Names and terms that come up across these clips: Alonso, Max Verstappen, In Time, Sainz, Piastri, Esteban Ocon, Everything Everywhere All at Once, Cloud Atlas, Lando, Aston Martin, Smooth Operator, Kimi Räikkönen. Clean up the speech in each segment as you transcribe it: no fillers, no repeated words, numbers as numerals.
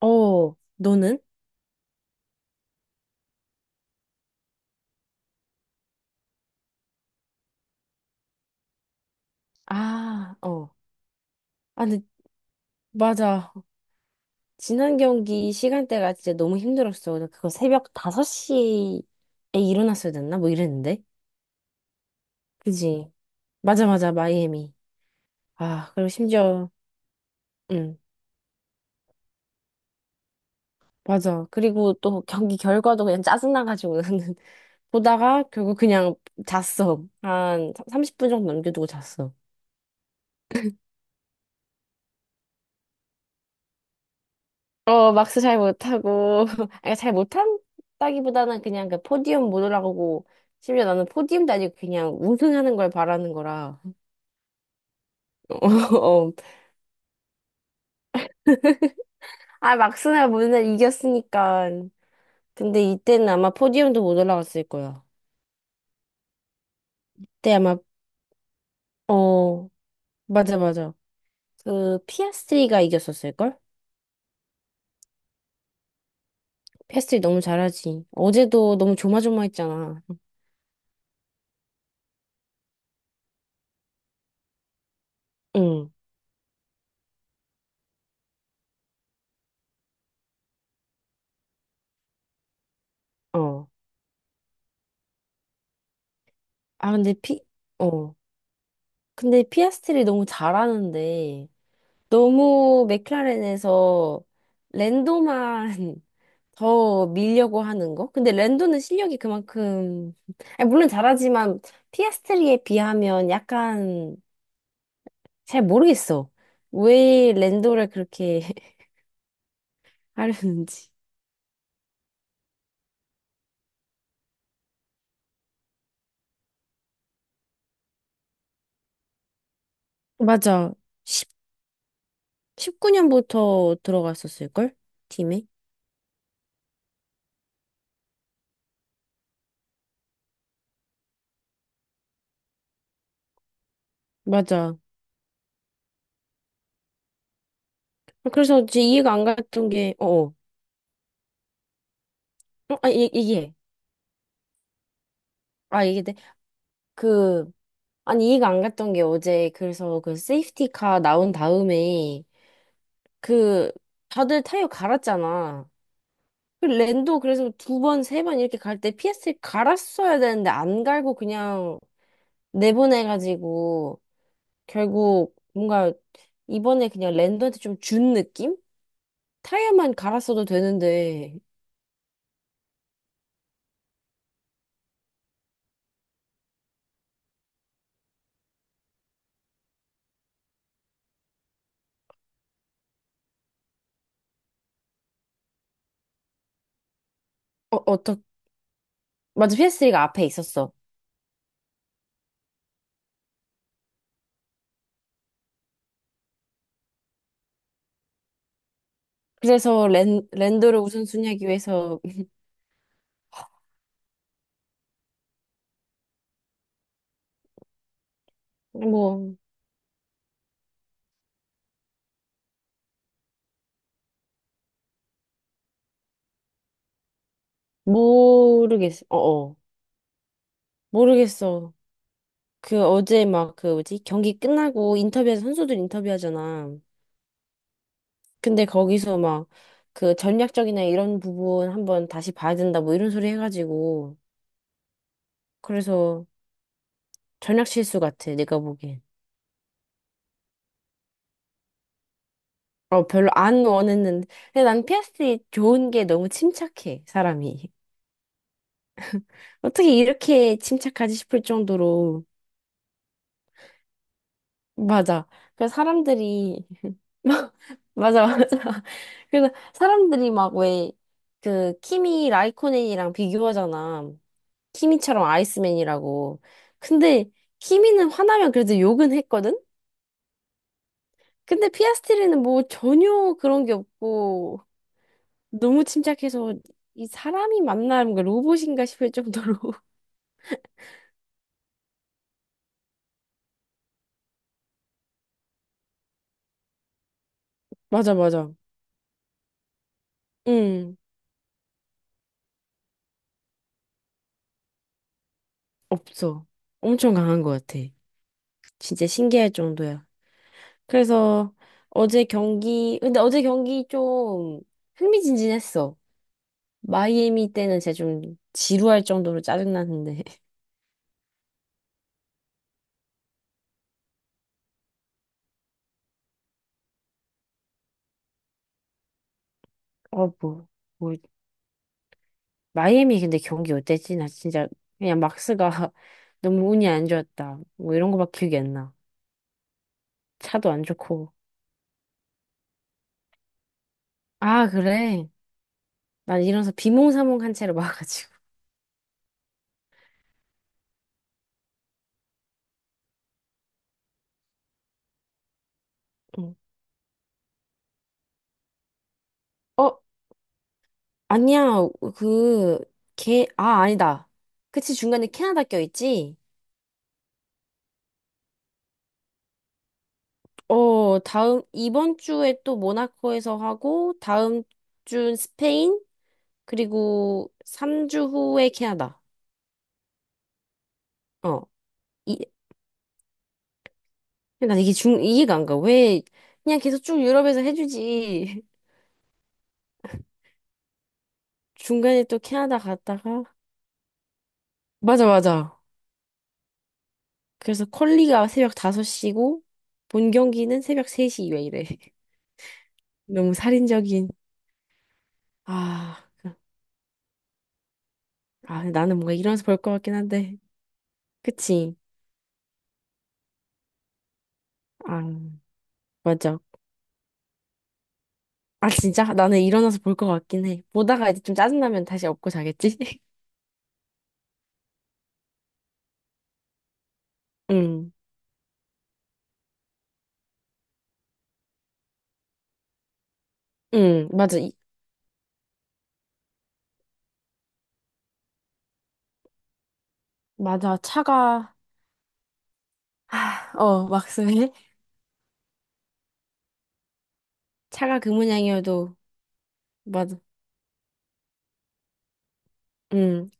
어, 너는? 아, 어. 아, 근데, 맞아. 지난 경기 시간대가 진짜 너무 힘들었어. 나 그거 새벽 5시에 일어났어야 됐나? 뭐 이랬는데. 그지? 맞아, 맞아. 마이애미. 아, 그리고 심지어, 응, 맞아. 그리고 또 경기 결과도 그냥 짜증나가지고 나는 보다가 결국 그냥 잤어. 한 30분 정도 넘겨두고 잤어. 어, 막스 잘 못하고, 아니, 잘 못한다기보다는 그냥 그 포디움 못 올라가고, 심지어 나는 포디움도 아니고 그냥 우승하는 걸 바라는 거라. 어, 어. 아, 막스나 모르날 이겼으니까. 근데 이때는 아마 포디움도 못 올라갔을 거야. 그때 아마, 어, 맞아, 맞아. 그, 피아스트리가 이겼었을걸? 피아스트리 너무 잘하지. 어제도 너무 조마조마했잖아. 응, 어. 아, 근데 피, 어. 근데 피아스트리 너무 잘하는데, 너무 맥라렌에서 랜도만 더 밀려고 하는 거? 근데 랜도는 실력이 그만큼, 아니, 물론 잘하지만 피아스트리에 비하면 약간 잘 모르겠어. 왜 랜도를 그렇게 하려는지. 맞아. 1 십구 9년부터 들어갔었을걸? 팀에? 맞아. 그래서 이제 이해가 안 갔던 게, 어, 어, 어, 아, 얘기해. 아, 얘기해. 그, 아니, 이해가 안 갔던 게 어제, 그래서 그 세이프티카 나온 다음에, 그, 다들 타이어 갈았잖아. 그 랜도 그래서 두 번, 세 번 이렇게 갈 때 PS를 갈았어야 되는데 안 갈고 그냥 내보내가지고, 결국 뭔가 이번에 그냥 랜도한테 좀 준 느낌? 타이어만 갈았어도 되는데, 어, 어떡, 맞아, PS3가 앞에 있었어. 그래서 랜도를 우선순위하기 위해서, 뭐, 모르겠어. 어어. 모르겠어. 그 어제 막 그 뭐지? 경기 끝나고 인터뷰에서 선수들 인터뷰하잖아. 근데 거기서 막 그 전략적이나 이런 부분 한번 다시 봐야 된다 뭐 이런 소리 해가지고. 그래서 전략 실수 같아, 내가 보기엔. 어, 별로 안 원했는데. 근데 난스트리 좋은 게 너무 침착해, 사람이. 어떻게 이렇게 침착하지 싶을 정도로 맞아. 그래서 사람들이 맞아, 맞아. 그래서 사람들이 막 왜 그 키미 라이코넨이랑 비교하잖아. 키미처럼 아이스맨이라고. 근데 키미는 화나면 그래도 욕은 했거든. 근데 피아스트리는 뭐 전혀 그런 게 없고 너무 침착해서 이 사람이 만나는 뭔 로봇인가 싶을 정도로. 맞아, 맞아. 응. 없어. 엄청 강한 것 같아. 진짜 신기할 정도야. 그래서 어제 경기, 근데 어제 경기 좀 흥미진진했어. 마이애미 때는 제가 좀 지루할 정도로 짜증나는데. 어, 뭐, 뭐, 마이애미 근데 경기 어땠지? 나 진짜 그냥 막스가 너무 운이 안 좋았다. 뭐 이런 거밖에 기억이 안 나. 차도 안 좋고. 아, 그래? 난 일어나서 비몽사몽한 채로 와가지고. 응. 어, 아니야. 그, 아, 아니다. 그치, 중간에 캐나다 껴있지? 어, 다음, 이번 주에 또 모나코에서 하고, 다음 주는 스페인, 그리고 3주 후에 캐나다. 어, 이, 난 이게 중, 이해가 안 가. 왜, 그냥 계속 쭉 유럽에서 해주지. 중간에 또 캐나다 갔다가. 맞아, 맞아. 그래서 퀄리가 새벽 5시고, 본 경기는 새벽 3시 왜 이래. 너무 살인적인. 아, 그, 아, 나는 뭔가 일어나서 볼 것 같긴 한데. 그치? 아, 맞아. 아, 진짜? 나는 일어나서 볼 것 같긴 해. 보다가 이제 좀 짜증나면 다시 업고 자겠지? 응, 응, 맞아. 맞아. 차가, 하, 어, 막스웰? 차가 그 모양이어도, 맞아. 응.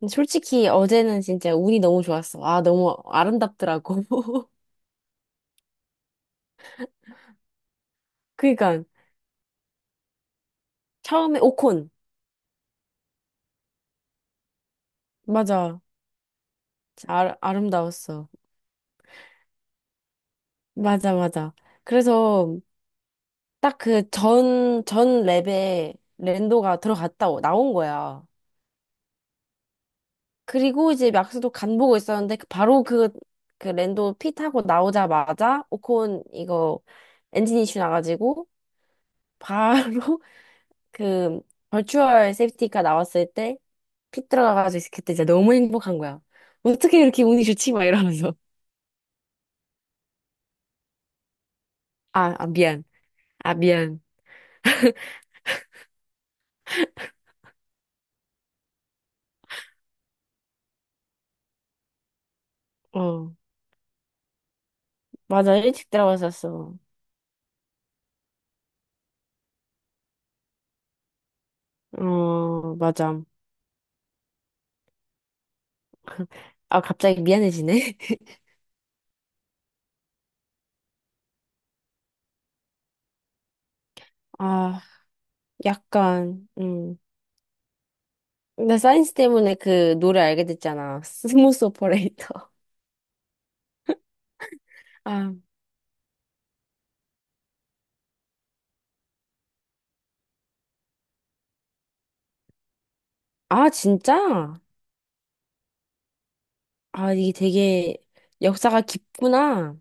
근데 솔직히 어제는 진짜 운이 너무 좋았어. 아, 너무 아름답더라고. 그니까, 처음에 오콘. 맞아. 진짜 아, 아름다웠어. 맞아, 맞아. 그래서 딱 그 전, 전 랩에 랜도가 들어갔다, 나온 거야. 그리고 이제 막스도 간 보고 있었는데 바로 그, 그 랜도 피 타고 나오자마자 오콘 이거 엔진 이슈 나가지고 바로 그 버추얼 세이프티카 나왔을 때 피 들어가가지고 그때 진짜 너무 행복한 거야. 어떻게 이렇게 운이 좋지? 막 이러면서. 아, 아 미안. 아 미안. 어, 맞아. 일찍 들어갔었어. 어, 맞아. 아, 갑자기 미안해지네. 아, 약간 나 사인스 때문에 그 노래 알게 됐잖아. 스무스 오퍼레이터. 아, 아, 진짜? 아, 이게 되게 역사가 깊구나.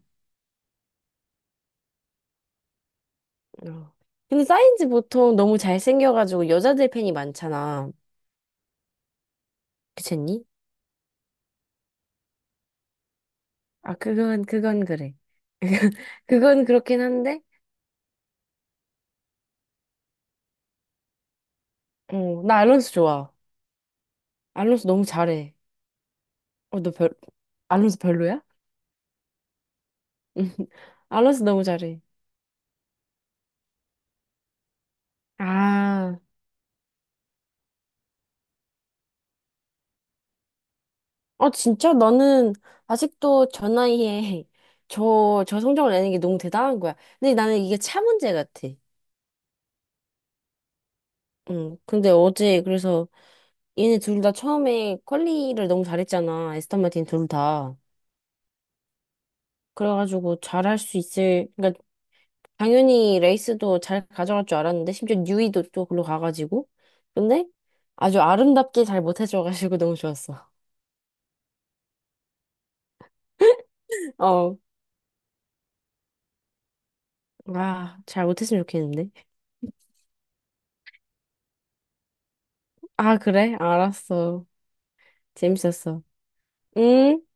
어. 근데 사인즈 보통 너무 잘생겨가지고 여자들 팬이 많잖아. 그렇니? 아, 그건, 그건 그래. 그건 그렇긴 한데, 어, 나 알론소 좋아. 알론소 너무 잘해. 어, 너 별, 알론소 별로야? 알론소 너무 잘해. 아. 아, 진짜? 나는 아직도 저 나이에 저, 저 성적을 내는 게 너무 대단한 거야. 근데 나는 이게 차 문제 같아. 응. 근데 어제 그래서 얘네 둘 다 처음에 퀄리를 너무 잘했잖아. 에스턴 마틴 둘 다. 그래가지고 잘할 수 있을, 그러니까 당연히 레이스도 잘 가져갈 줄 알았는데 심지어 뉴이도 또 글로 가가지고. 근데 아주 아름답게 잘 못해줘가지고 너무 좋았어. 어. 아, 잘 못했으면 좋겠는데. 아, 그래? 알았어. 재밌었어. 응?